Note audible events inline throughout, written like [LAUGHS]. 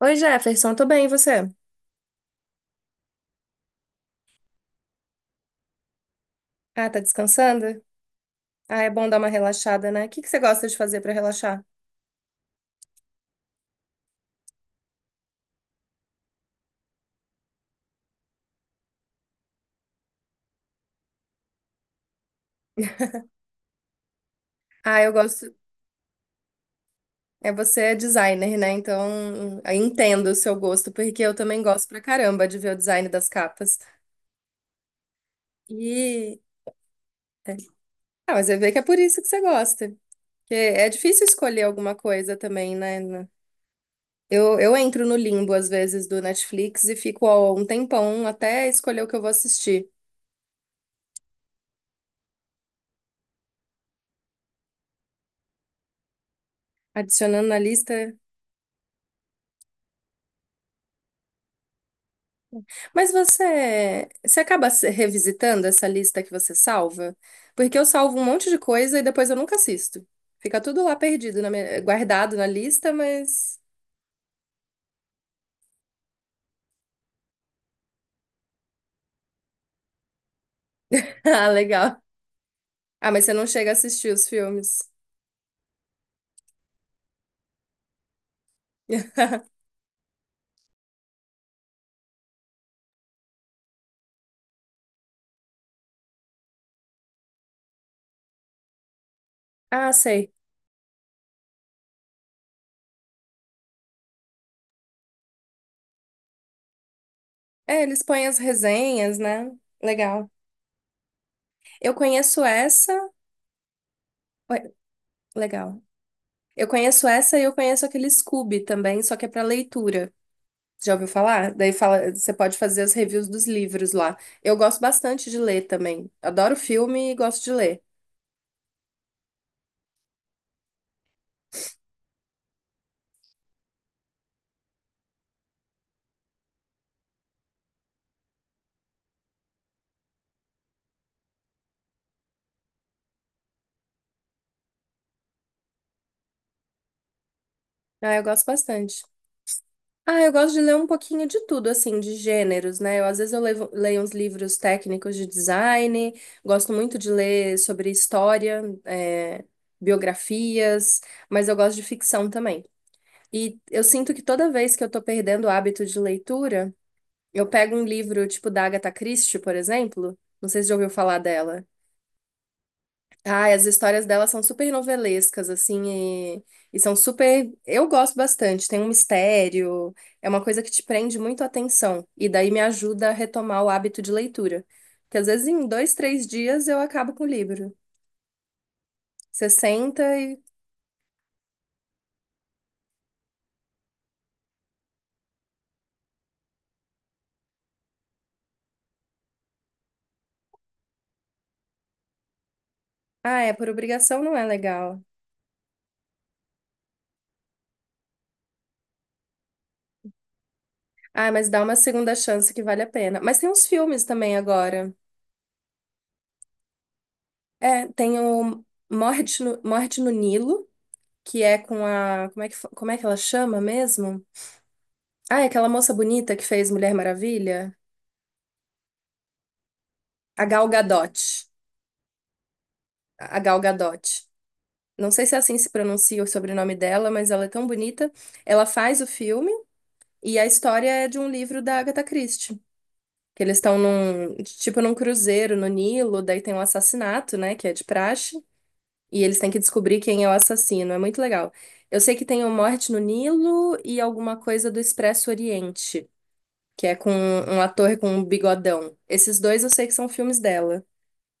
Oi, Jefferson, tô bem, e você? Ah, tá descansando? Ah, é bom dar uma relaxada, né? O que que você gosta de fazer pra relaxar? Ah, eu gosto. É, você é designer, né? Então, eu entendo o seu gosto, porque eu também gosto pra caramba de ver o design das capas. E. É. Ah, mas eu vejo que é por isso que você gosta. Porque é difícil escolher alguma coisa também, né? Eu entro no limbo, às vezes, do Netflix e fico ó, um tempão até escolher o que eu vou assistir. Adicionando na lista. Mas você acaba revisitando essa lista que você salva? Porque eu salvo um monte de coisa e depois eu nunca assisto. Fica tudo lá perdido, na minha- guardado na lista, mas. [LAUGHS] Ah, legal. Ah, mas você não chega a assistir os filmes. [LAUGHS] Ah, sei. É, eles põem as resenhas, né? Legal. Eu conheço essa. Ué, legal. Eu conheço essa e eu conheço aquele Scooby também, só que é pra leitura. Já ouviu falar? Daí fala, você pode fazer as reviews dos livros lá. Eu gosto bastante de ler também. Adoro filme e gosto de ler. Ah, eu gosto bastante. Ah, eu gosto de ler um pouquinho de tudo, assim, de gêneros, né? Eu, às vezes eu levo- leio uns livros técnicos de design, gosto muito de ler sobre história, é, biografias, mas eu gosto de ficção também. E eu sinto que toda vez que eu tô perdendo o hábito de leitura, eu pego um livro tipo da Agatha Christie, por exemplo, não sei se já ouviu falar dela. Ai, as histórias dela são super novelescas, assim, e, e são super. Eu gosto bastante, tem um mistério, é uma coisa que te prende muito a atenção, e daí me ajuda a retomar o hábito de leitura. Porque às vezes em dois, três dias eu acabo com o livro. Você senta e. Ah, é, por obrigação não é legal. Ah, mas dá uma segunda chance que vale a pena. Mas tem uns filmes também agora. É, tem o Morte no Nilo, que é com a. Como é que, como é que ela chama mesmo? Ah, é aquela moça bonita que fez Mulher Maravilha? A Gal Gadot. A Gal Gadot. Não sei se é assim que se pronuncia o sobrenome dela, mas ela é tão bonita. Ela faz o filme e a história é de um livro da Agatha Christie. Que eles estão num, tipo, num cruzeiro no Nilo, daí tem um assassinato, né, que é de praxe, e eles têm que descobrir quem é o assassino. É muito legal. Eu sei que tem o Morte no Nilo e alguma coisa do Expresso Oriente, que é com um ator com um bigodão. Esses dois eu sei que são filmes dela.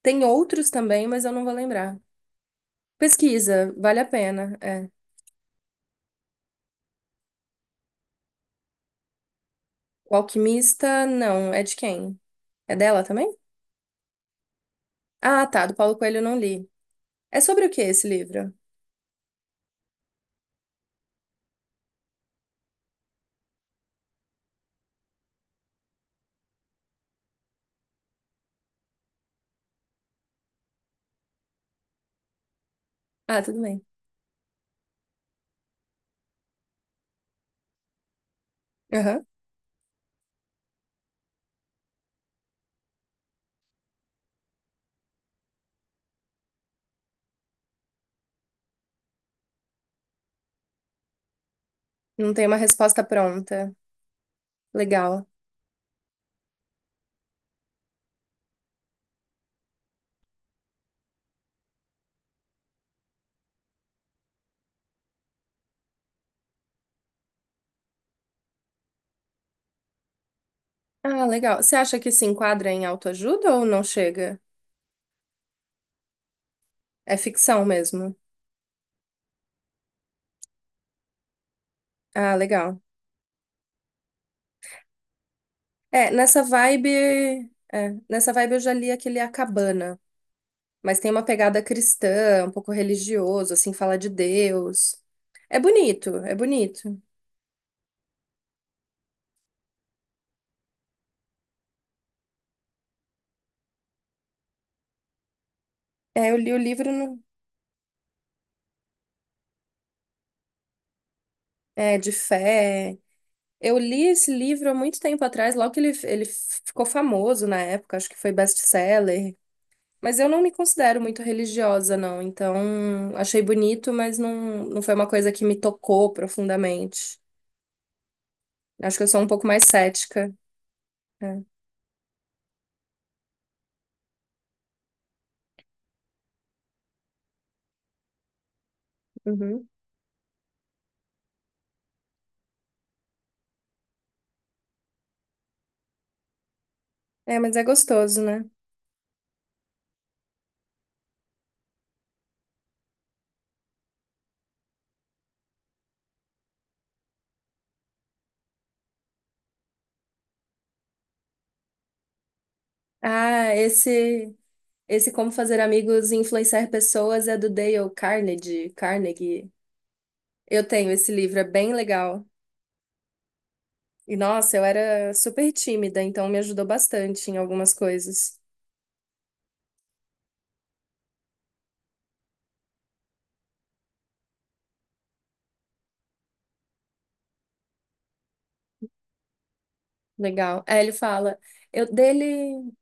Tem outros também, mas eu não vou lembrar. Pesquisa, vale a pena. É. O Alquimista, não, é de quem? É dela também? Ah, tá, do Paulo Coelho eu não li. É sobre o que esse livro? Ah, tudo bem. Aham. Não tem uma resposta pronta. Legal. Ah, legal. Você acha que se enquadra em autoajuda ou não chega? É ficção mesmo. Ah, legal. É, nessa vibe, nessa vibe eu já li aquele A Cabana. Mas tem uma pegada cristã, um pouco religioso, assim, fala de Deus. É bonito, é bonito. É, eu li o livro no- é, de fé. Eu li esse livro há muito tempo atrás, logo que ele ficou famoso na época, acho que foi best-seller. Mas eu não me considero muito religiosa, não. Então, achei bonito, mas não, não foi uma coisa que me tocou profundamente. Acho que eu sou um pouco mais cética. É, uhum. É, mas é gostoso, né? Ah, esse. Esse Como Fazer Amigos e Influenciar Pessoas é do Dale Carnegie. Carnegie. Eu tenho esse livro, é bem legal. E nossa, eu era super tímida, então me ajudou bastante em algumas coisas. Legal. Aí ele fala, eu dele.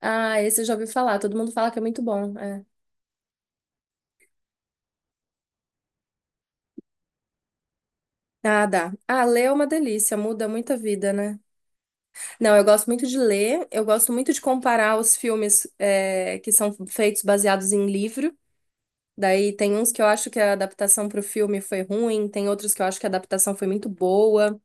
Ah, esse eu já ouvi falar, todo mundo fala que é muito bom. É. Ah, dá. Ah, ler é uma delícia, muda muita vida, né? Não, eu gosto muito de ler, eu gosto muito de comparar os filmes, é, que são feitos baseados em livro. Daí tem uns que eu acho que a adaptação para o filme foi ruim, tem outros que eu acho que a adaptação foi muito boa.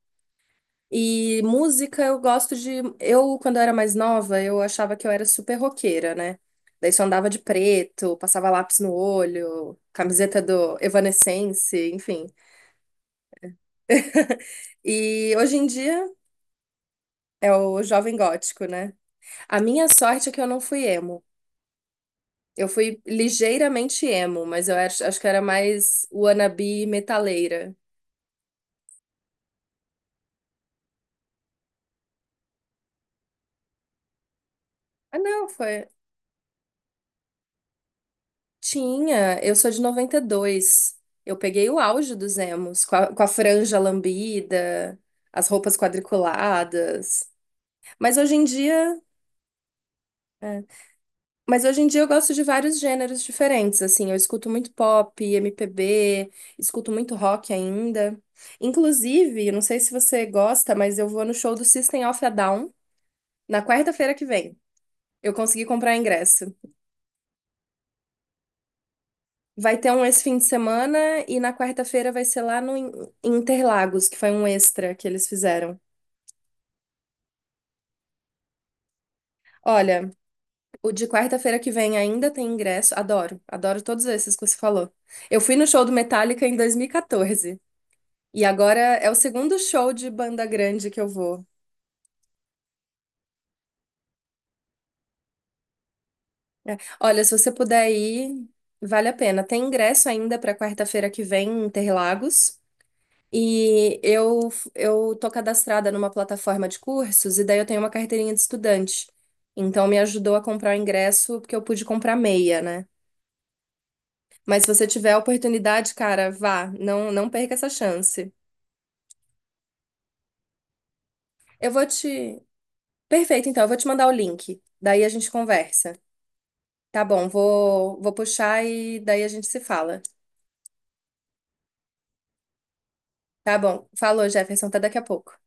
E música eu gosto de. Eu, quando eu era mais nova, eu achava que eu era super roqueira, né? Daí só andava de preto, passava lápis no olho, camiseta do Evanescence, enfim. [LAUGHS] E hoje em dia é o jovem gótico, né? A minha sorte é que eu não fui emo. Eu fui ligeiramente emo, mas eu acho que era mais wannabe metaleira. Ah, não, foi. Tinha, eu sou de 92. Eu peguei o auge dos emos, com a franja lambida, as roupas quadriculadas. Mas hoje em dia, é, mas hoje em dia eu gosto de vários gêneros diferentes, assim, eu escuto muito pop, MPB, escuto muito rock ainda. Inclusive, eu não sei se você gosta, mas eu vou no show do System of a Down na quarta-feira que vem. Eu consegui comprar ingresso. Vai ter um esse fim de semana e na quarta-feira vai ser lá no Interlagos, que foi um extra que eles fizeram. Olha, o de quarta-feira que vem ainda tem ingresso. Adoro, adoro todos esses que você falou. Eu fui no show do Metallica em 2014 e quatorze e agora é o segundo show de banda grande que eu vou. É. Olha, se você puder ir, vale a pena. Tem ingresso ainda para quarta-feira que vem em Interlagos. E eu tô cadastrada numa plataforma de cursos e daí eu tenho uma carteirinha de estudante. Então me ajudou a comprar o ingresso porque eu pude comprar meia, né? Mas se você tiver a oportunidade, cara, vá, não, não perca essa chance. Eu vou te. Perfeito, então, eu vou te mandar o link. Daí a gente conversa. Tá bom, vou puxar e daí a gente se fala. Tá bom, falou, Jefferson, até daqui a pouco.